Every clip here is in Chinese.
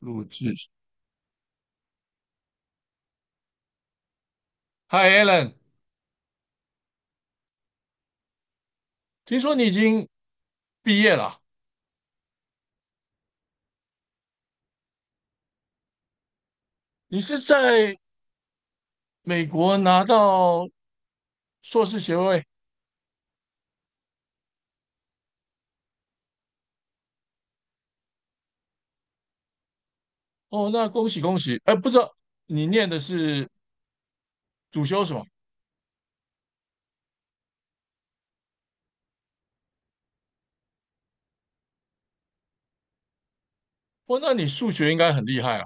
录制。Hi Alan，听说你已经毕业了，你是在美国拿到硕士学位。哦，那恭喜恭喜！哎，不知道你念的是主修什么？哦，那你数学应该很厉害啊。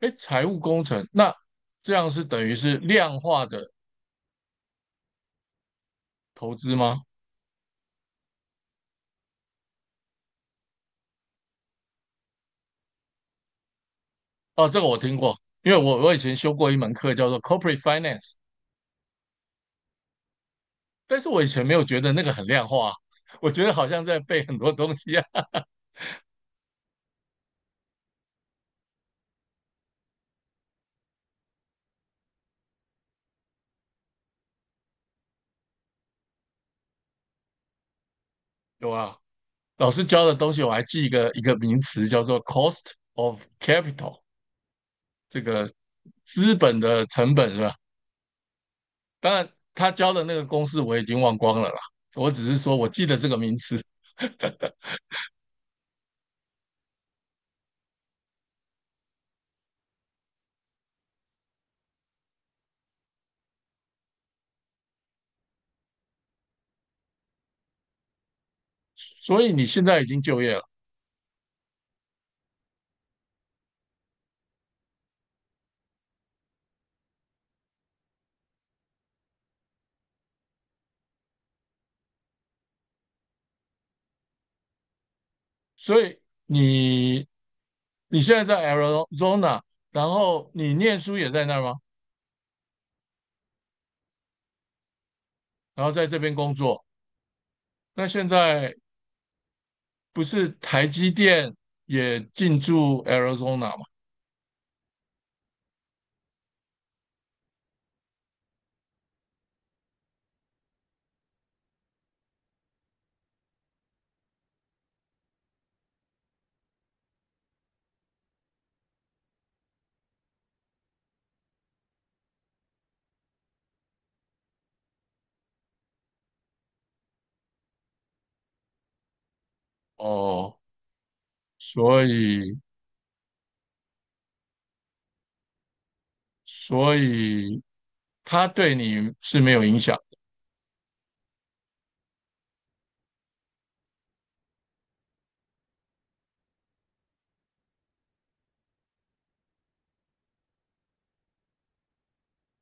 哎，财务工程，那这样是等于是量化的投资吗？哦，这个我听过，因为我以前修过一门课叫做 Corporate Finance，但是我以前没有觉得那个很量化啊，我觉得好像在背很多东西啊。有啊？老师教的东西，我还记一个名词叫做 cost of capital，这个资本的成本是吧？当然，他教的那个公式我已经忘光了啦，我只是说我记得这个名词。所以你现在已经就业了，所以你你现在在 Arizona，然后你念书也在那儿吗？然后在这边工作，那现在不是台积电也进驻 Arizona 吗？哦，所以所以它对你是没有影响的。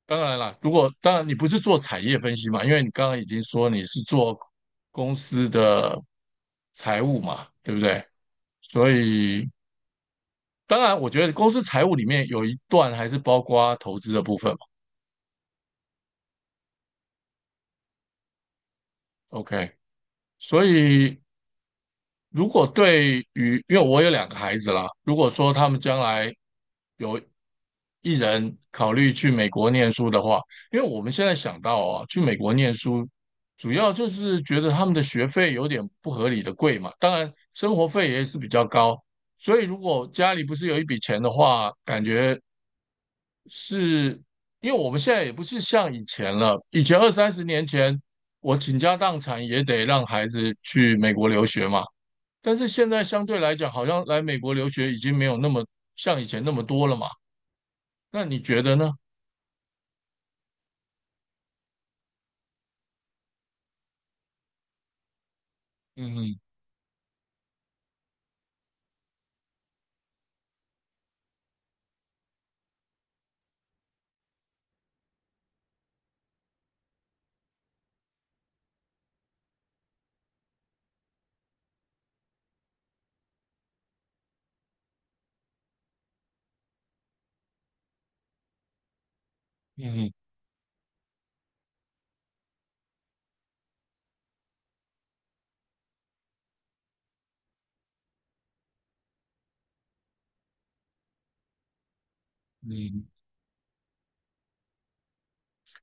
当然啦，如果当然你不是做产业分析嘛，因为你刚刚已经说你是做公司的财务嘛，对不对？所以当然，我觉得公司财务里面有一段还是包括投资的部分嘛。OK，所以如果对于因为我有两个孩子啦，如果说他们将来有一人考虑去美国念书的话，因为我们现在想到啊，去美国念书，主要就是觉得他们的学费有点不合理的贵嘛，当然生活费也是比较高，所以如果家里不是有一笔钱的话，感觉是因为我们现在也不是像以前了，以前二三十年前，我倾家荡产也得让孩子去美国留学嘛，但是现在相对来讲，好像来美国留学已经没有那么像以前那么多了嘛。那你觉得呢？嗯嗯嗯，嗯嗯，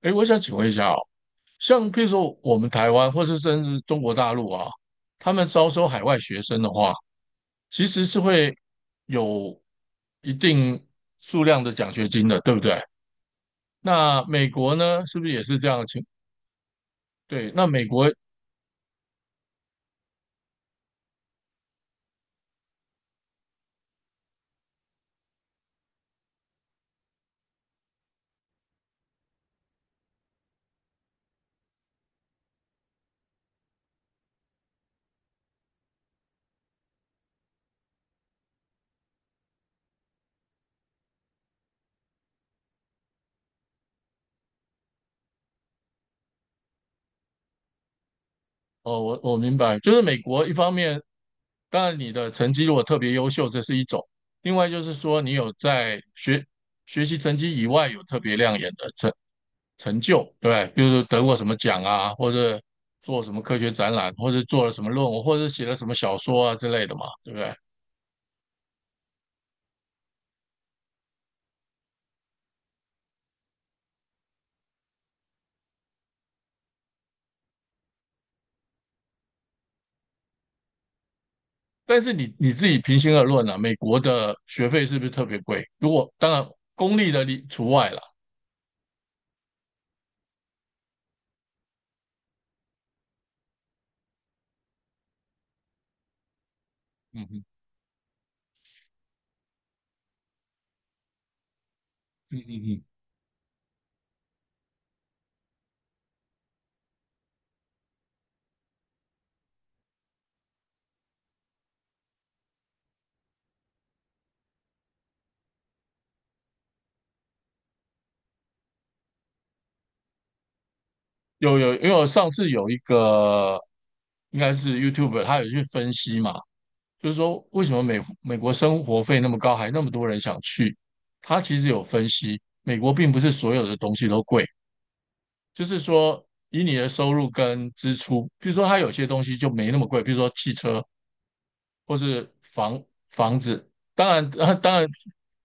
哎，我想请问一下哦，像比如说我们台湾，或是甚至中国大陆啊，他们招收海外学生的话，其实是会有一定数量的奖学金的，对不对？那美国呢，是不是也是这样的情？对，那美国，哦，我明白，就是美国一方面，当然你的成绩如果特别优秀，这是一种；另外就是说你有在学习成绩以外有特别亮眼的成就，对不对，比如说得过什么奖啊，或者做什么科学展览，或者做了什么论文，或者写了什么小说啊之类的嘛，对不对？但是你自己平心而论啊，美国的学费是不是特别贵？如果当然公立的例除外了，嗯哼，嗯嗯嗯，有有，因为我上次有一个应该是 YouTube，他有去分析嘛，就是说为什么美国生活费那么高，还那么多人想去？他其实有分析，美国并不是所有的东西都贵。就是说以你的收入跟支出，比如说它有些东西就没那么贵，比如说汽车或是房子，当然，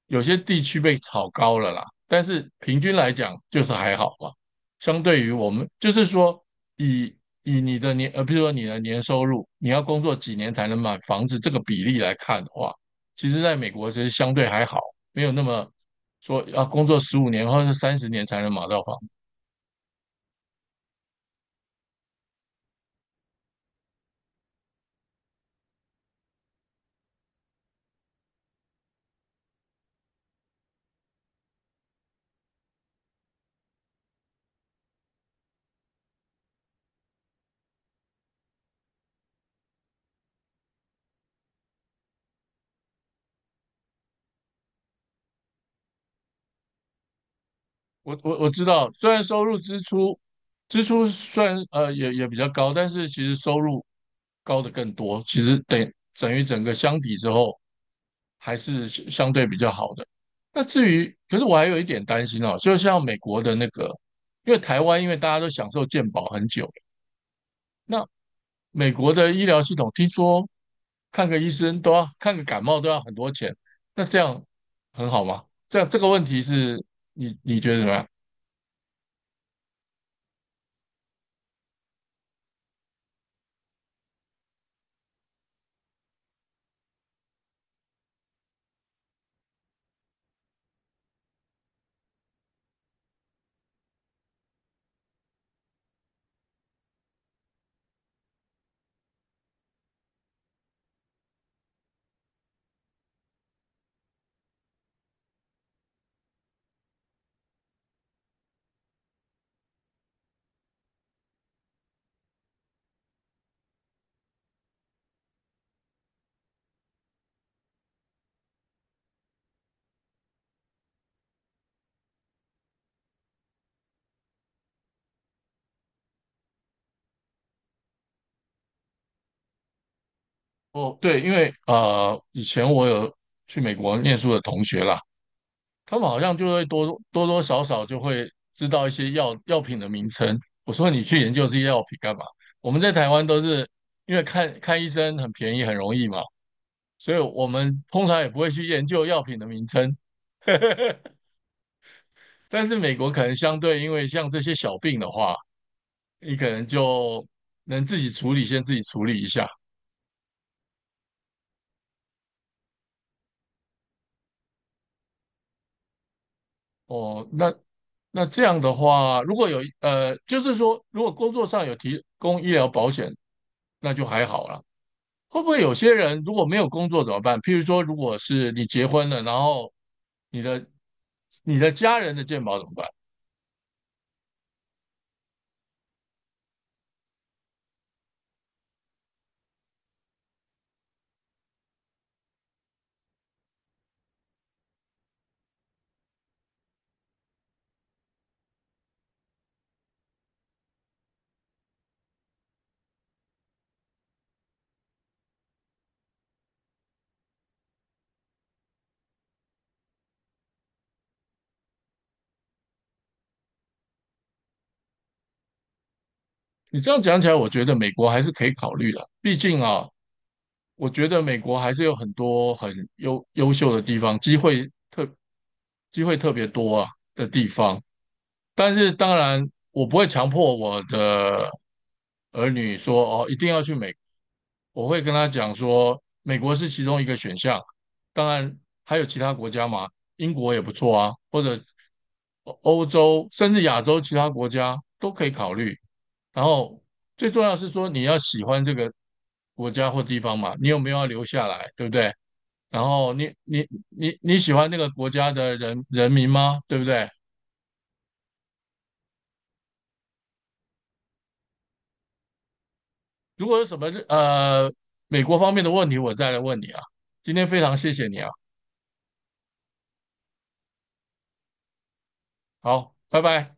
有些地区被炒高了啦，但是平均来讲就是还好嘛。相对于我们，就是说以以你的年呃，比如说你的年收入，你要工作几年才能买房子这个比例来看的话，其实在美国其实相对还好，没有那么说要工作15年或者三十年才能买到房我知道，虽然收入支出虽然也比较高，但是其实收入高的更多，其实等于整个相比之后还是相对比较好的。那至于，可是我还有一点担心哦，就像美国的那个，因为台湾因为大家都享受健保很久了。那美国的医疗系统听说看个医生都要看个感冒都要很多钱，那这样很好吗？这样这个问题是你觉得怎么样？哦，对，因为以前我有去美国念书的同学啦，他们好像就会多多少少就会知道一些药品的名称。我说你去研究这些药品干嘛？我们在台湾都是因为看看医生很便宜很容易嘛，所以我们通常也不会去研究药品的名称。但是美国可能相对，因为像这些小病的话，你可能就能自己处理，先自己处理一下。哦，那这样的话，如果有，就是说，如果工作上有提供医疗保险，那就还好啦。会不会有些人如果没有工作怎么办？譬如说，如果是你结婚了，然后你的你的家人的健保怎么办？你这样讲起来，我觉得美国还是可以考虑的。毕竟啊，我觉得美国还是有很多很优秀的地方，机会特别多啊的地方。但是当然，我不会强迫我的儿女说哦，一定要去美国。我会跟他讲说，美国是其中一个选项，当然还有其他国家嘛，英国也不错啊，或者欧洲甚至亚洲其他国家都可以考虑。然后最重要是说，你要喜欢这个国家或地方嘛，你有没有要留下来，对不对？然后你喜欢那个国家的人民吗？对不对？如果有什么美国方面的问题，我再来问你啊。今天非常谢谢你啊，好，拜拜。